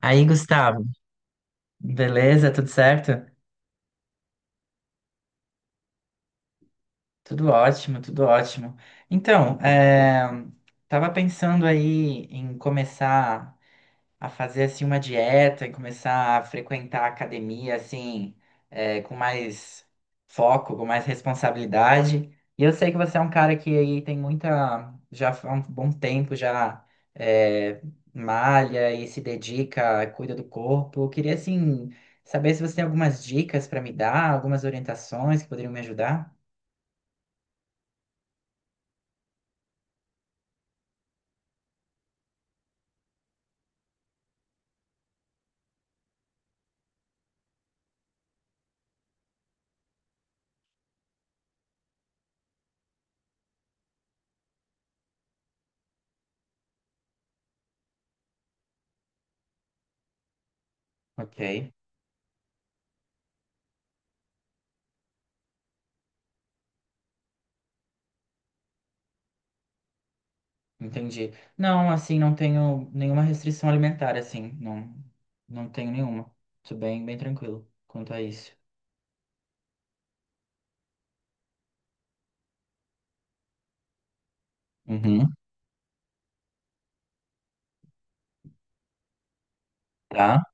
Aí, Gustavo, beleza? Tudo certo? Tudo ótimo, tudo ótimo. Então, é, tava pensando aí em começar a fazer assim uma dieta e começar a frequentar a academia assim, com mais foco, com mais responsabilidade. E eu sei que você é um cara que aí tem muita, já há um bom tempo já é, malha e se dedica, cuida do corpo. Eu queria assim saber se você tem algumas dicas para me dar, algumas orientações que poderiam me ajudar. Ok. Entendi. Não, assim, não tenho nenhuma restrição alimentar, assim, não, não tenho nenhuma. Tô bem, bem tranquilo quanto a isso. Uhum, tá,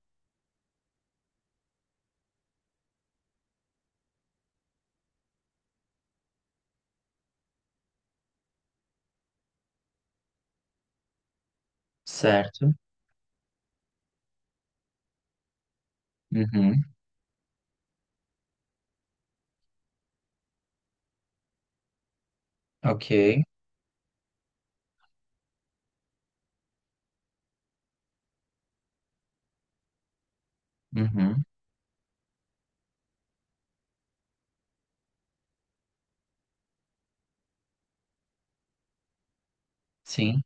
certo. Uhum, ok. Uhum, sim.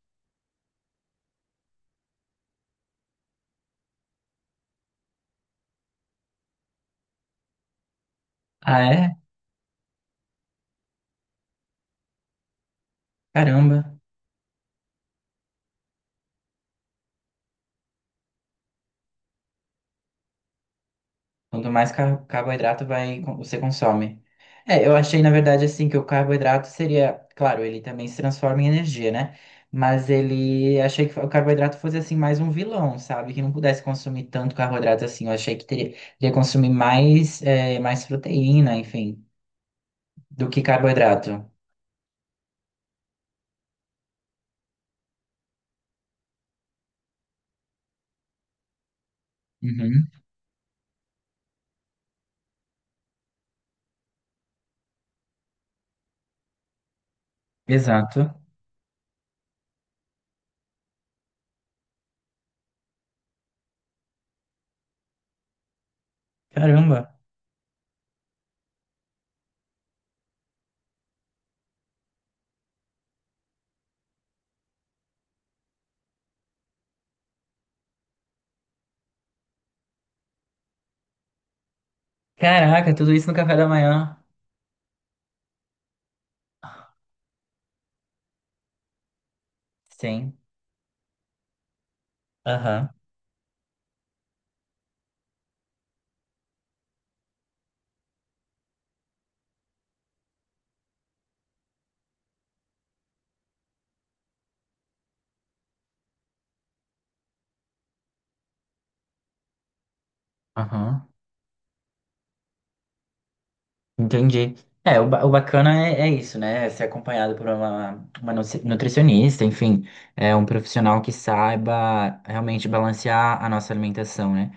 Ah, é? Caramba. Quanto mais carboidrato vai, você consome. É, eu achei, na verdade, assim, que o carboidrato seria, claro, ele também se transforma em energia, né? Mas ele achei que o carboidrato fosse assim mais um vilão, sabe? Que não pudesse consumir tanto carboidrato assim. Eu achei que teria que consumir mais, é, mais proteína, enfim, do que carboidrato. Uhum, exato. Caramba. Caraca, tudo isso no café da manhã. Sim. Aham. Aham. Entendi. É, o bacana é, é isso, né? É Ser acompanhado por uma nutricionista, enfim, é um profissional que saiba realmente balancear a nossa alimentação, né?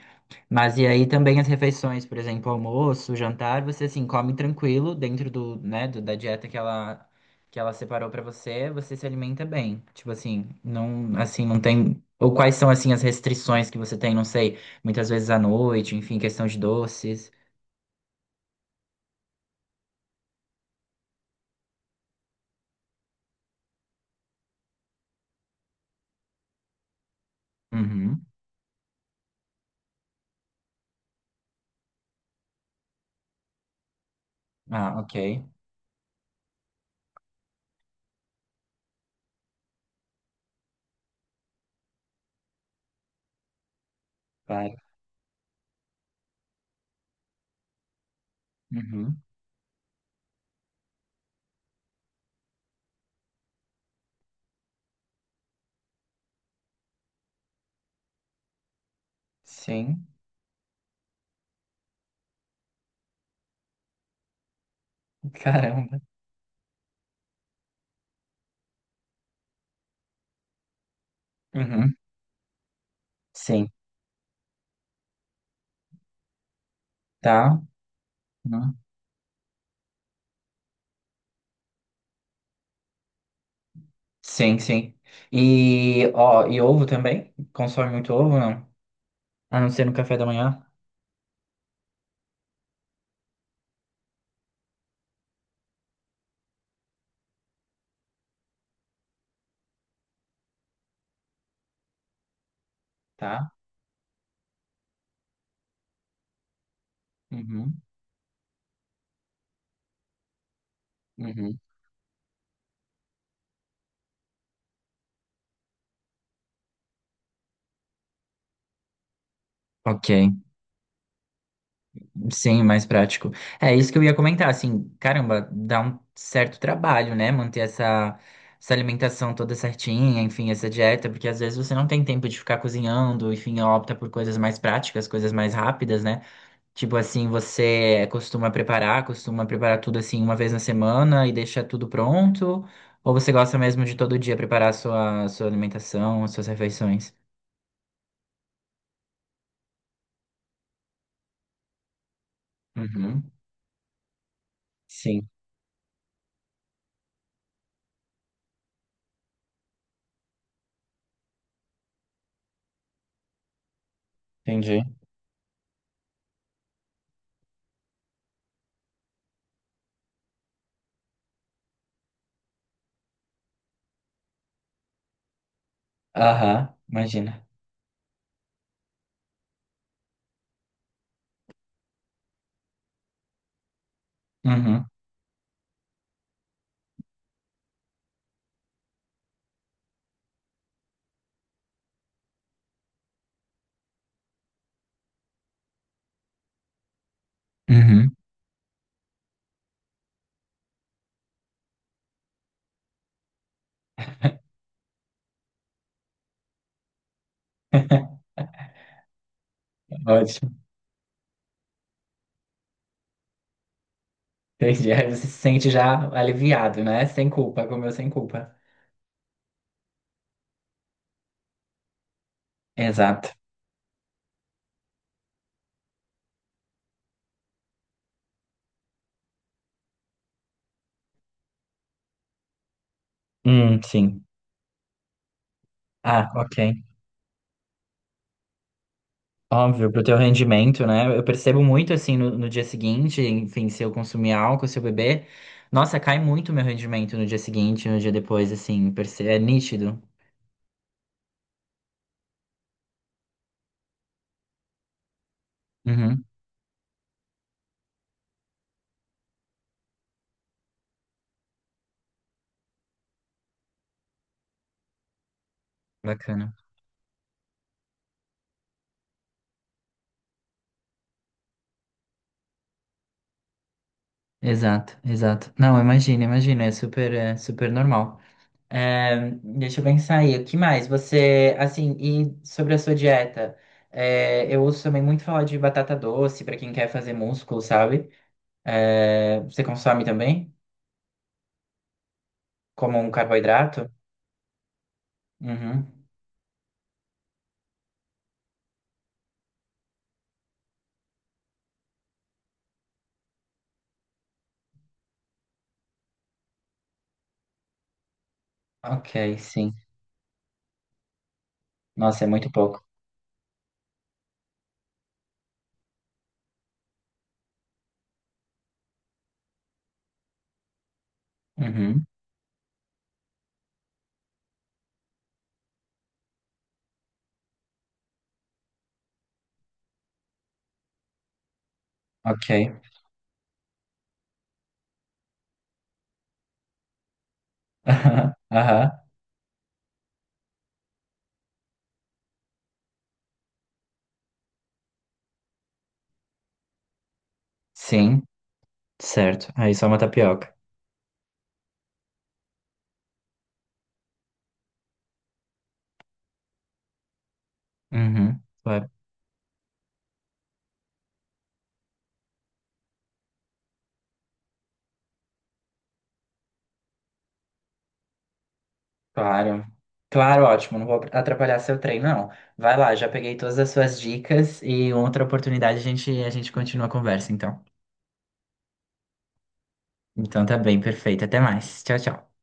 Mas e aí também as refeições, por exemplo, almoço, jantar, você assim come tranquilo dentro do, né, da dieta que ela separou pra você, você se alimenta bem. Tipo assim não tem ou quais são assim as restrições que você tem, não sei, muitas vezes à noite, enfim, questão de doces. Uhum. Ah, ok. Uhum. Sim. Caramba. Uhum. Sim. Tá. Uhum. Sim, sim. E, ó, e ovo também? Consome muito ovo, não? A não ser no café da manhã? Tá. Uhum. Uhum. Ok. Sim, mais prático. É isso que eu ia comentar, assim, caramba, dá um certo trabalho, né? Manter essa, essa alimentação toda certinha, enfim, essa dieta, porque às vezes você não tem tempo de ficar cozinhando, enfim, opta por coisas mais práticas, coisas mais rápidas, né? Tipo assim, você costuma preparar tudo assim uma vez na semana e deixa tudo pronto? Ou você gosta mesmo de todo dia preparar a sua, sua alimentação, as suas refeições? Uhum. Sim, entendi. Aham, imagina. Uhum. Uhum. Ótimo. Entendi. Aí você se sente já aliviado, né? Sem culpa, comeu sem culpa. Exato. Sim. Ah, ok. Óbvio, pro teu rendimento, né? Eu percebo muito assim no, no dia seguinte, enfim, se eu consumir álcool, se eu beber, nossa, cai muito meu rendimento no dia seguinte, no dia depois, assim, é nítido. Uhum, bacana. Exato, exato. Não, imagina, imagina, é super normal. É, deixa eu pensar aí, o que mais? Você, assim, e sobre a sua dieta, é, eu ouço também muito falar de batata doce pra quem quer fazer músculo, sabe? É, você consome também? Como um carboidrato? Uhum. Ok, sim. Nossa, é muito pouco. Uhum. Ok. Aham. Aham. Sim, certo. Aí só uma tapioca. Uhum. Claro. Claro, Claro, ótimo. Não vou atrapalhar seu treino, não. Vai lá, já peguei todas as suas dicas e outra oportunidade a gente continua a conversa, então. Então tá bem, perfeito. Até mais. Tchau, tchau.